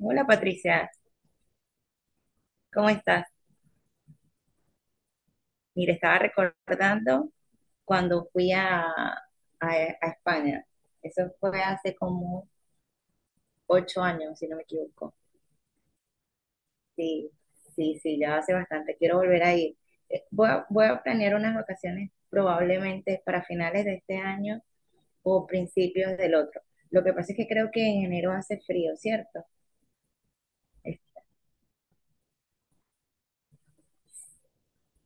Hola Patricia, ¿cómo estás? Mira, estaba recordando cuando fui a España. Eso fue hace como 8 años, si no me equivoco. Sí, sí, sí, ya hace bastante. Quiero volver a ir. Voy a planear unas vacaciones probablemente para finales de este año o principios del otro. Lo que pasa es que creo que en enero hace frío, ¿cierto?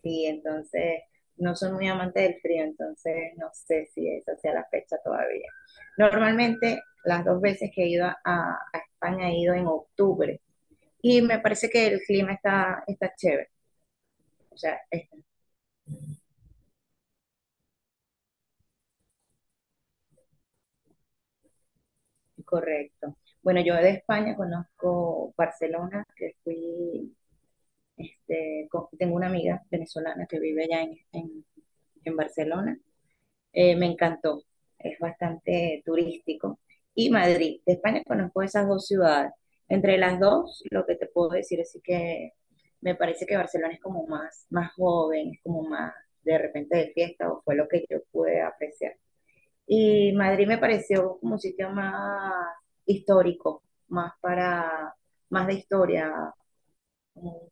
Sí, entonces no soy muy amante del frío, entonces no sé si esa sea la fecha todavía. Normalmente las dos veces que he ido a España he ido en octubre y me parece que el clima está chévere, o sea, es correcto. Bueno, yo de España conozco Barcelona, que fui, tengo una amiga venezolana que vive allá en Barcelona, me encantó, es bastante turístico. Y Madrid, de España conozco esas dos ciudades. Entre las dos, lo que te puedo decir es que me parece que Barcelona es como más joven, es como más de repente de fiesta, o fue lo que yo pude apreciar. Y Madrid me pareció como un sitio más histórico, más para, más de historia, como un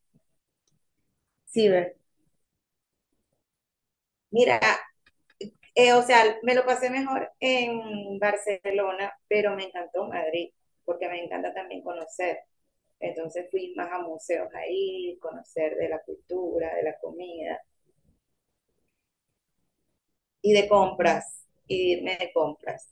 ciber. Mira, me lo pasé mejor en Barcelona, pero me encantó Madrid, porque me encanta también conocer. Entonces fui más a museos ahí, conocer de la cultura, de la comida y de compras, y irme de compras.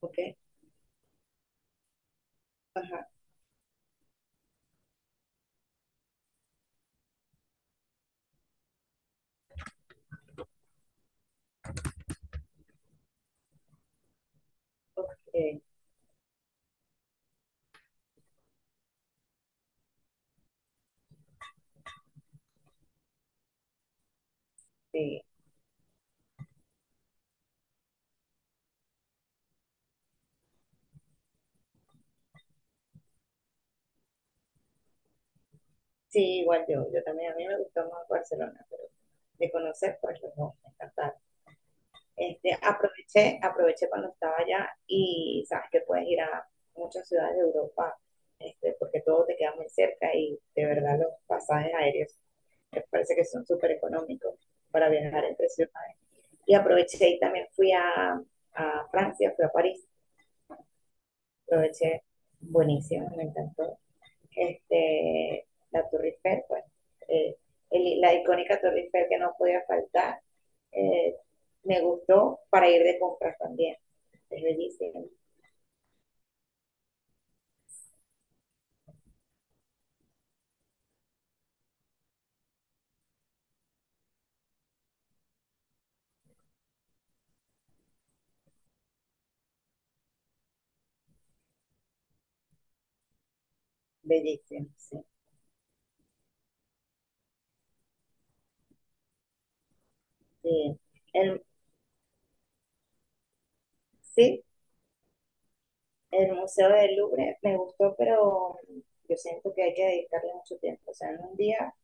¿Ok? Ajá. Okay. Sí, igual yo también, a mí me gustó más Barcelona, pero de conocer, pues no, me encantaron. Aproveché cuando estaba allá y sabes que puedes ir a muchas ciudades de Europa, porque todo te queda muy cerca y de verdad los pasajes aéreos me parece que son súper económicos para viajar entre ciudades. Y aproveché y también a Francia, fui a París, aproveché buenísimo, me encantó. La Torre Eiffel, eh, la icónica Torre Eiffel que no podía faltar, eh, me gustó para ir de compras también. Es bellísimo, bellísimo, sí. Sí. El, sí, el Museo del Louvre me gustó, pero yo siento que hay que dedicarle mucho tiempo. O sea, en un día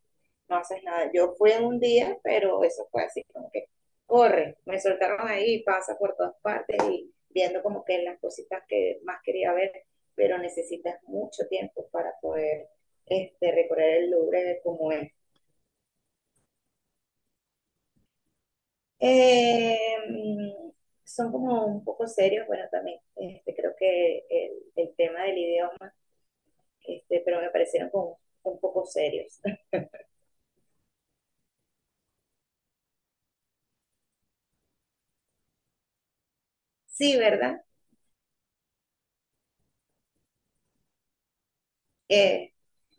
no haces nada. Yo fui en un día, pero eso fue así como que corre, me soltaron ahí, pasa por todas partes y viendo como que las cositas que más quería ver, pero necesitas mucho tiempo para poder recorrer el Louvre como es. Eh, mm, son como un poco serios, bueno, también este, creo que el tema del idioma, este, pero me parecieron como un poco serios. Sí, ¿verdad? Eh,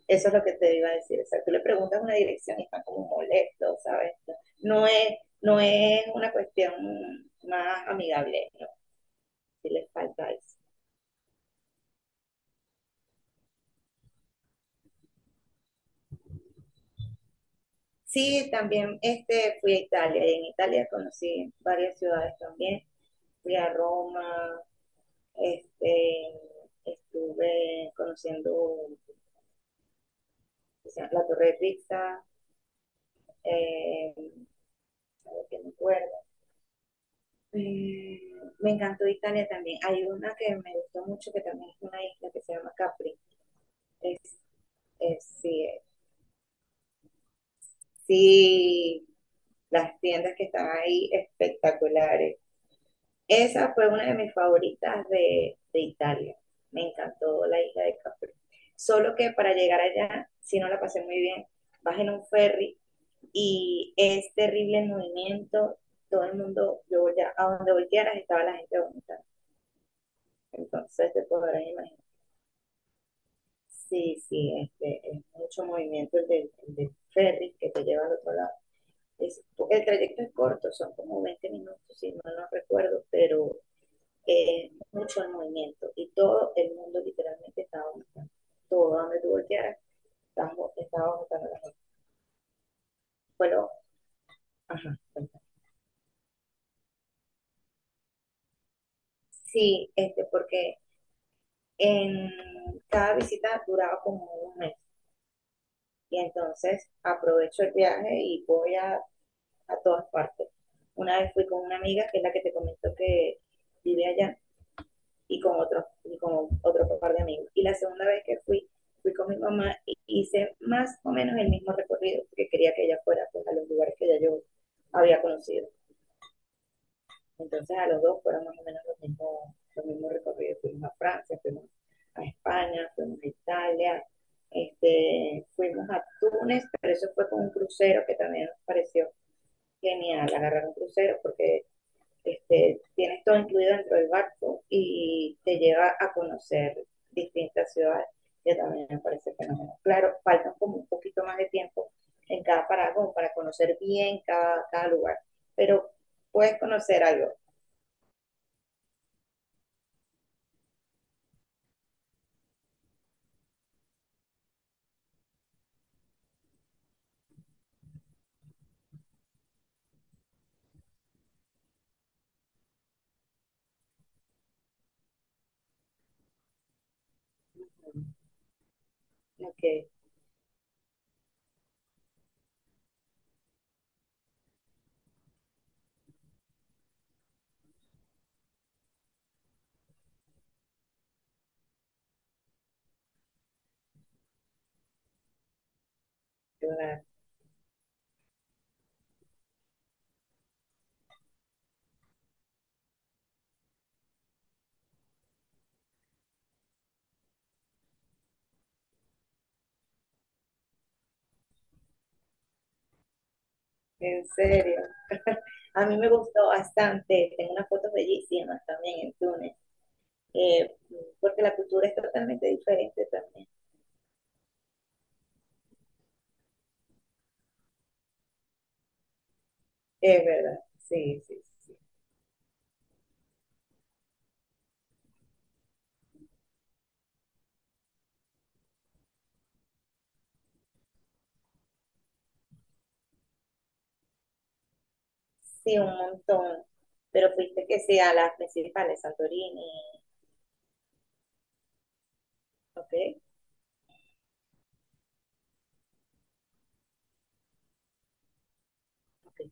eso es lo que te iba a decir. O sea, tú le preguntas una dirección y están como molestos, ¿sabes? No es una cuestión más amigable, ¿no? Si les falta eso. Sí, también este, fui a Italia y en Italia conocí varias ciudades también. Fui a Roma. Este, estuve conociendo la Torre de Pizza, eh, que me acuerdo. Eh, me encantó Italia también. Hay una que me gustó mucho, que también es una isla que se llama Capri. Es, es, sí, es- sí, las tiendas que están ahí espectaculares. Esa fue una de mis favoritas de Italia. Me encantó la isla de Capri. Solo que para llegar allá, si no la pasé muy bien, vas en un ferry y es terrible el movimiento, todo el mundo, yo voltea, a donde voltearas estaba la gente vomitando, entonces te podrás imaginar. Sí, sí, es mucho movimiento el del ferry que te lleva al otro lado. Es- el trayecto es corto, son como 20 minutos, si no, no recuerdo, pero es mucho el movimiento y todo el mundo literalmente estaba vomitando. Todo donde tú voltearas, estaba vomitando la gente. Bueno, ajá, cuenta. Sí, este, porque En cada visita duraba como un mes y entonces aprovecho el viaje y a todas partes. Una vez fui con una amiga, que es la que te comentó que vive allá, y y con otro par de amigos. Y la segunda vez que fui, fui con mi mamá y hice más o menos el mismo recorrido, porque quería que ella fuera pues, a los lugares que ya yo había conocido. Entonces a los dos fueron más o menos los mismos recorridos. Fuimos a Francia, fuimos a España, fuimos a Italia, fuimos a Túnez, pero eso fue con un crucero que también nos pareció genial, agarrar un crucero porque tienes todo incluido dentro del barco y te lleva a conocer distintas ciudades, que también me parece fenomenal. Claro, faltan como un poquito más de tiempo en cada parada como para conocer bien cada lugar, pero puedes conocer algo. Ok, claro. En serio. A mí me gustó bastante. Tengo unas fotos bellísimas también en Túnez, eh, porque la cultura es totalmente diferente también. Es verdad, sí, sí, sí. Sí, un montón. Pero fuiste que sí a las principales, Santorini. Ok, ok.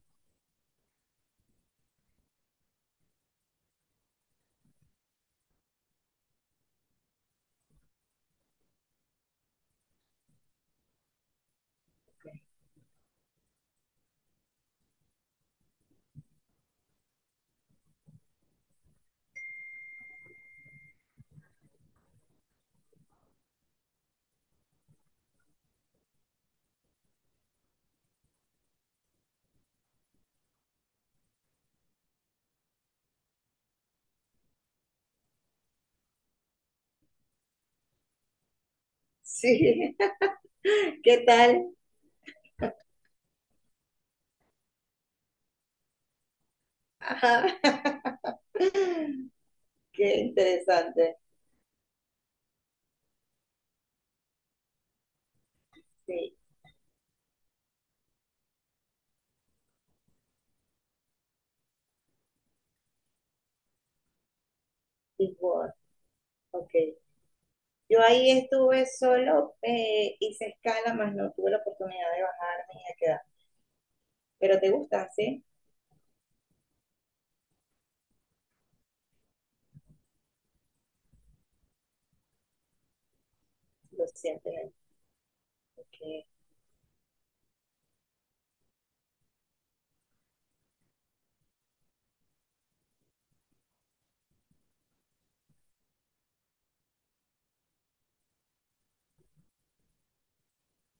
Sí, ¿Qué tal? Ajá. Qué interesante. Sí, igual. Ok. Yo ahí estuve solo, hice escala, más no tuve la oportunidad de bajarme y de quedar. Pero te gustan, ¿sí? Lo siento, ¿eh? Porque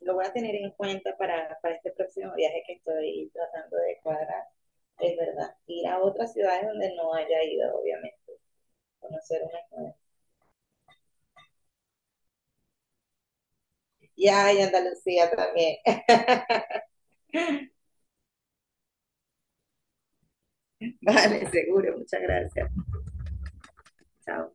lo voy a tener en cuenta para este próximo viaje que estoy tratando de cuadrar. Es verdad, ir a otras ciudades donde no haya ido, obviamente, conocer unas nuevas. Y ay, Andalucía también. Vale, seguro, muchas gracias. Chao.